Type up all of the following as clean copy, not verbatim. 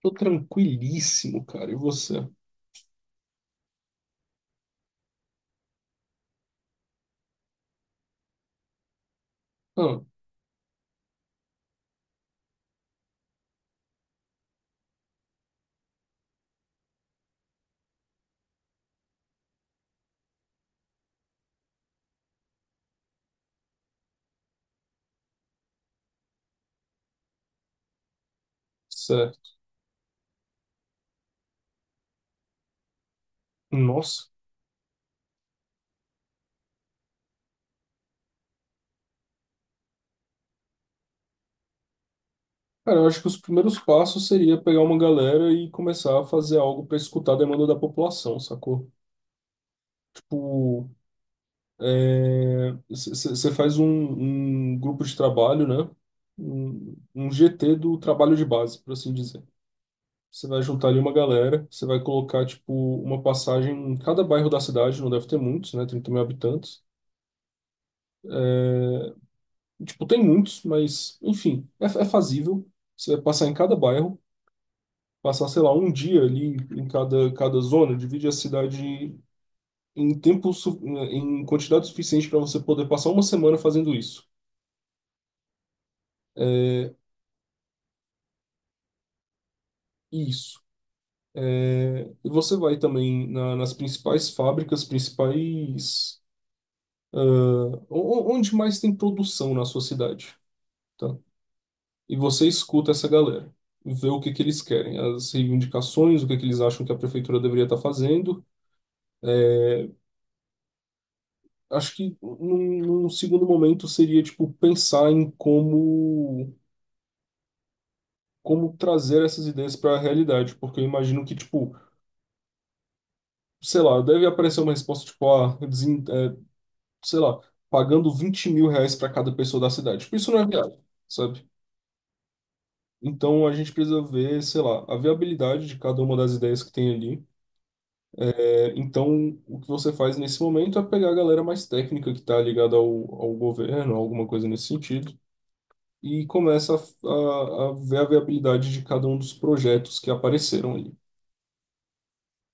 Tô tranquilíssimo, cara. E você? Ah, certo. Nossa. Cara, eu acho que os primeiros passos seria pegar uma galera e começar a fazer algo para escutar a demanda da população, sacou? Tipo, você faz um grupo de trabalho, né? Um GT do trabalho de base, por assim dizer. Você vai juntar ali uma galera, você vai colocar, tipo, uma passagem em cada bairro da cidade, não deve ter muitos, né? 30 mil habitantes. Tipo, tem muitos, mas, enfim, é fazível. Você passar em cada bairro, passar, sei lá, um dia ali em cada, cada zona, divide a cidade em tempo, em quantidade suficiente para você poder passar uma semana fazendo isso. É, isso. É, e você vai também nas principais fábricas, principais. Ah, onde mais tem produção na sua cidade, tá? E você escuta essa galera, vê o que que eles querem, as reivindicações, o que que eles acham que a prefeitura deveria estar fazendo. Acho que num segundo momento seria tipo pensar em como como trazer essas ideias para a realidade, porque eu imagino que tipo, sei lá, deve aparecer uma resposta tipo, ah, sei lá, pagando 20 mil reais para cada pessoa da cidade. Tipo, isso não é viável, sabe? Então a gente precisa ver, sei lá, a viabilidade de cada uma das ideias que tem ali. Então, o que você faz nesse momento é pegar a galera mais técnica que está ligada ao governo, alguma coisa nesse sentido, e começa a ver a viabilidade de cada um dos projetos que apareceram ali,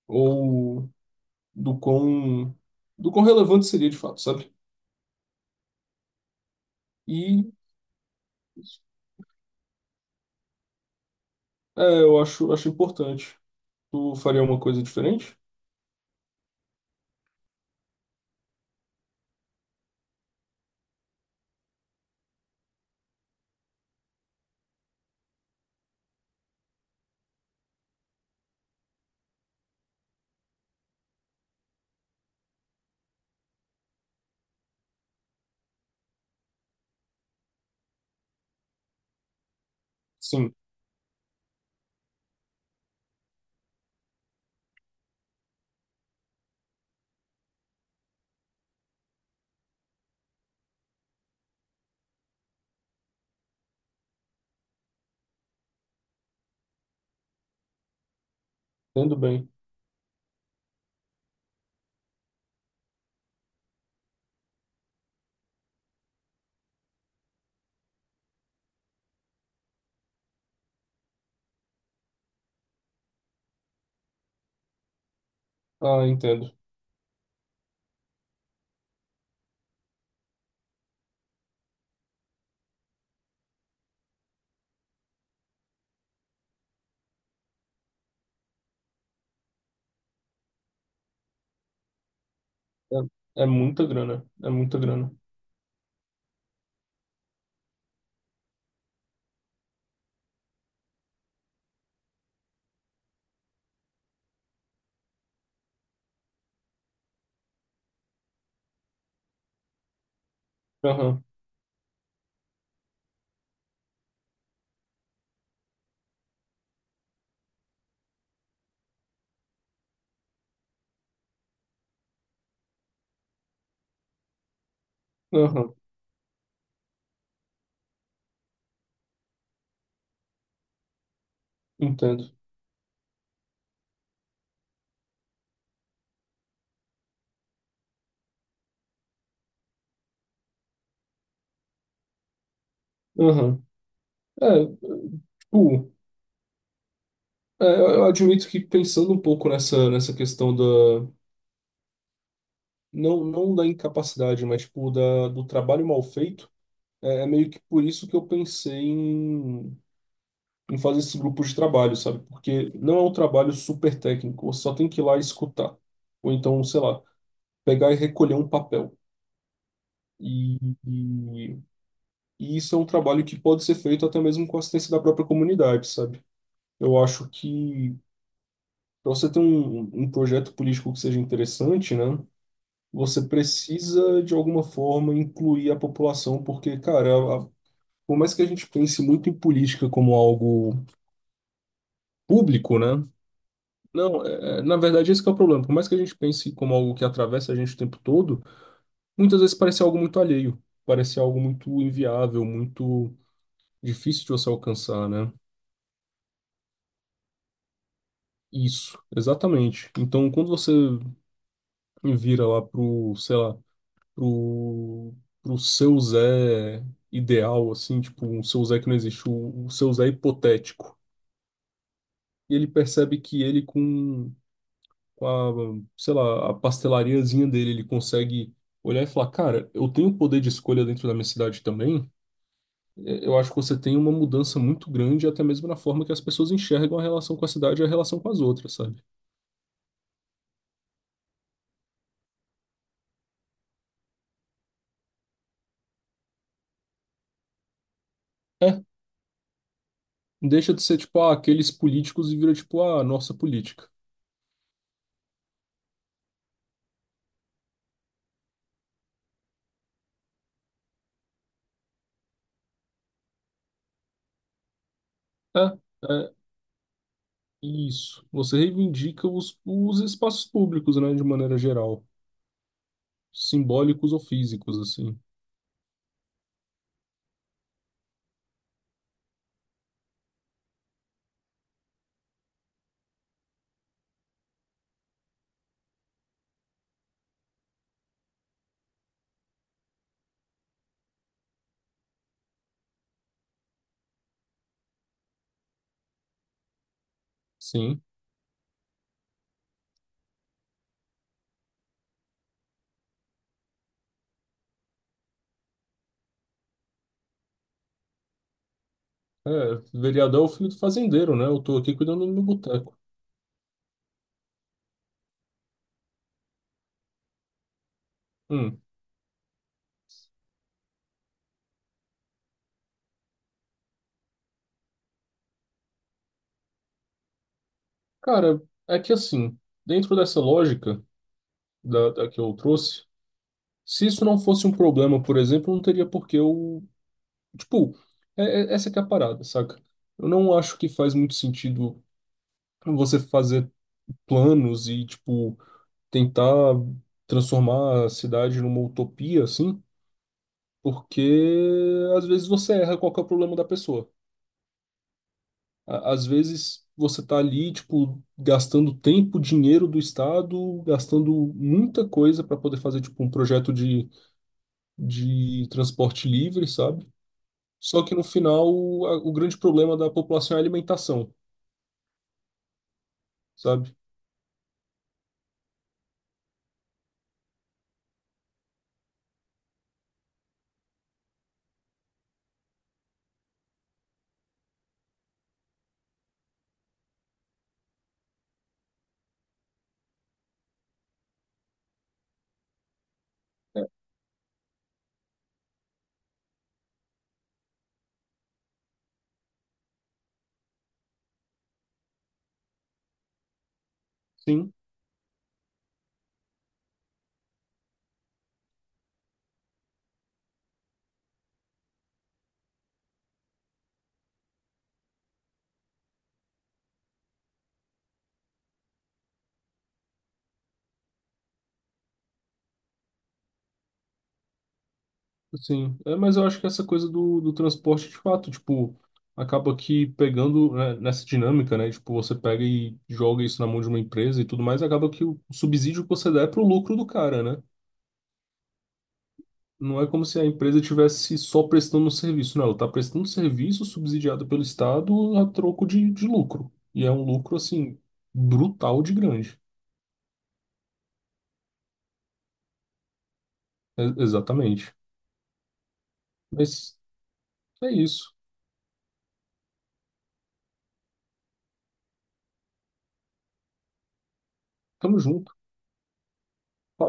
ou do quão, do quão relevante seria de fato, sabe? E é, acho importante. Tu faria uma coisa diferente? Sim, entendo bem. Ah, entendo. É, é muita grana, é muita grana. Aham, aham, entendo. Aham. É, tipo, é, eu admito que pensando um pouco nessa, nessa questão da, não, não da incapacidade, mas tipo, da, do trabalho mal feito, é é meio que por isso que eu pensei em, em fazer esse grupo de trabalho, sabe? Porque não é um trabalho super técnico, você só tem que ir lá e escutar. Ou então, sei lá, pegar e recolher um papel. E, e, e isso é um trabalho que pode ser feito até mesmo com a assistência da própria comunidade, sabe? Eu acho que para você ter um projeto político que seja interessante, né? Você precisa, de alguma forma, incluir a população, porque, cara, por mais que a gente pense muito em política como algo público, né? Não, é, na verdade, esse que é o problema. Por mais que a gente pense como algo que atravessa a gente o tempo todo, muitas vezes parece algo muito alheio, parece algo muito inviável, muito difícil de você alcançar, né? Isso, exatamente. Então, quando você vira lá pro, sei lá, pro, pro seu Zé ideal, assim, tipo, um seu Zé que não existe, o seu Zé hipotético, e ele percebe que ele com a, sei lá, a pastelariazinha dele, ele consegue olhar e falar, cara, eu tenho poder de escolha dentro da minha cidade também. É, eu acho que você tem uma mudança muito grande, até mesmo na forma que as pessoas enxergam a relação com a cidade e a relação com as outras, sabe? É, deixa de ser tipo, ah, aqueles políticos e vira tipo, ah, nossa política. É, é isso. Você reivindica os espaços públicos, né, de maneira geral, simbólicos ou físicos, assim. Sim. É, vereador é o filho do fazendeiro, né? Eu tô aqui cuidando do meu boteco. Hum. Cara, é que assim, dentro dessa lógica da que eu trouxe, se isso não fosse um problema, por exemplo, não teria por que eu. Tipo, essa que é a parada, saca? Eu não acho que faz muito sentido você fazer planos e, tipo, tentar transformar a cidade numa utopia, assim, porque às vezes você erra qual que é o problema da pessoa. Às vezes você está ali, tipo, gastando tempo, dinheiro do Estado, gastando muita coisa para poder fazer, tipo, um projeto de transporte livre, sabe? Só que no final, o grande problema da população é a alimentação, sabe? É. Sim, sim. É, mas eu acho que essa coisa do, do transporte, de fato, tipo, acaba que pegando, né, nessa dinâmica, né? Tipo, você pega e joga isso na mão de uma empresa e tudo mais, acaba que o subsídio que você dá é pro lucro do cara, né? Não é como se a empresa tivesse só prestando um serviço, não. Ela está prestando um serviço subsidiado pelo Estado a troco de lucro. E é um lucro, assim, brutal de grande. É- exatamente. Mas é isso. Tamo junto. Falou.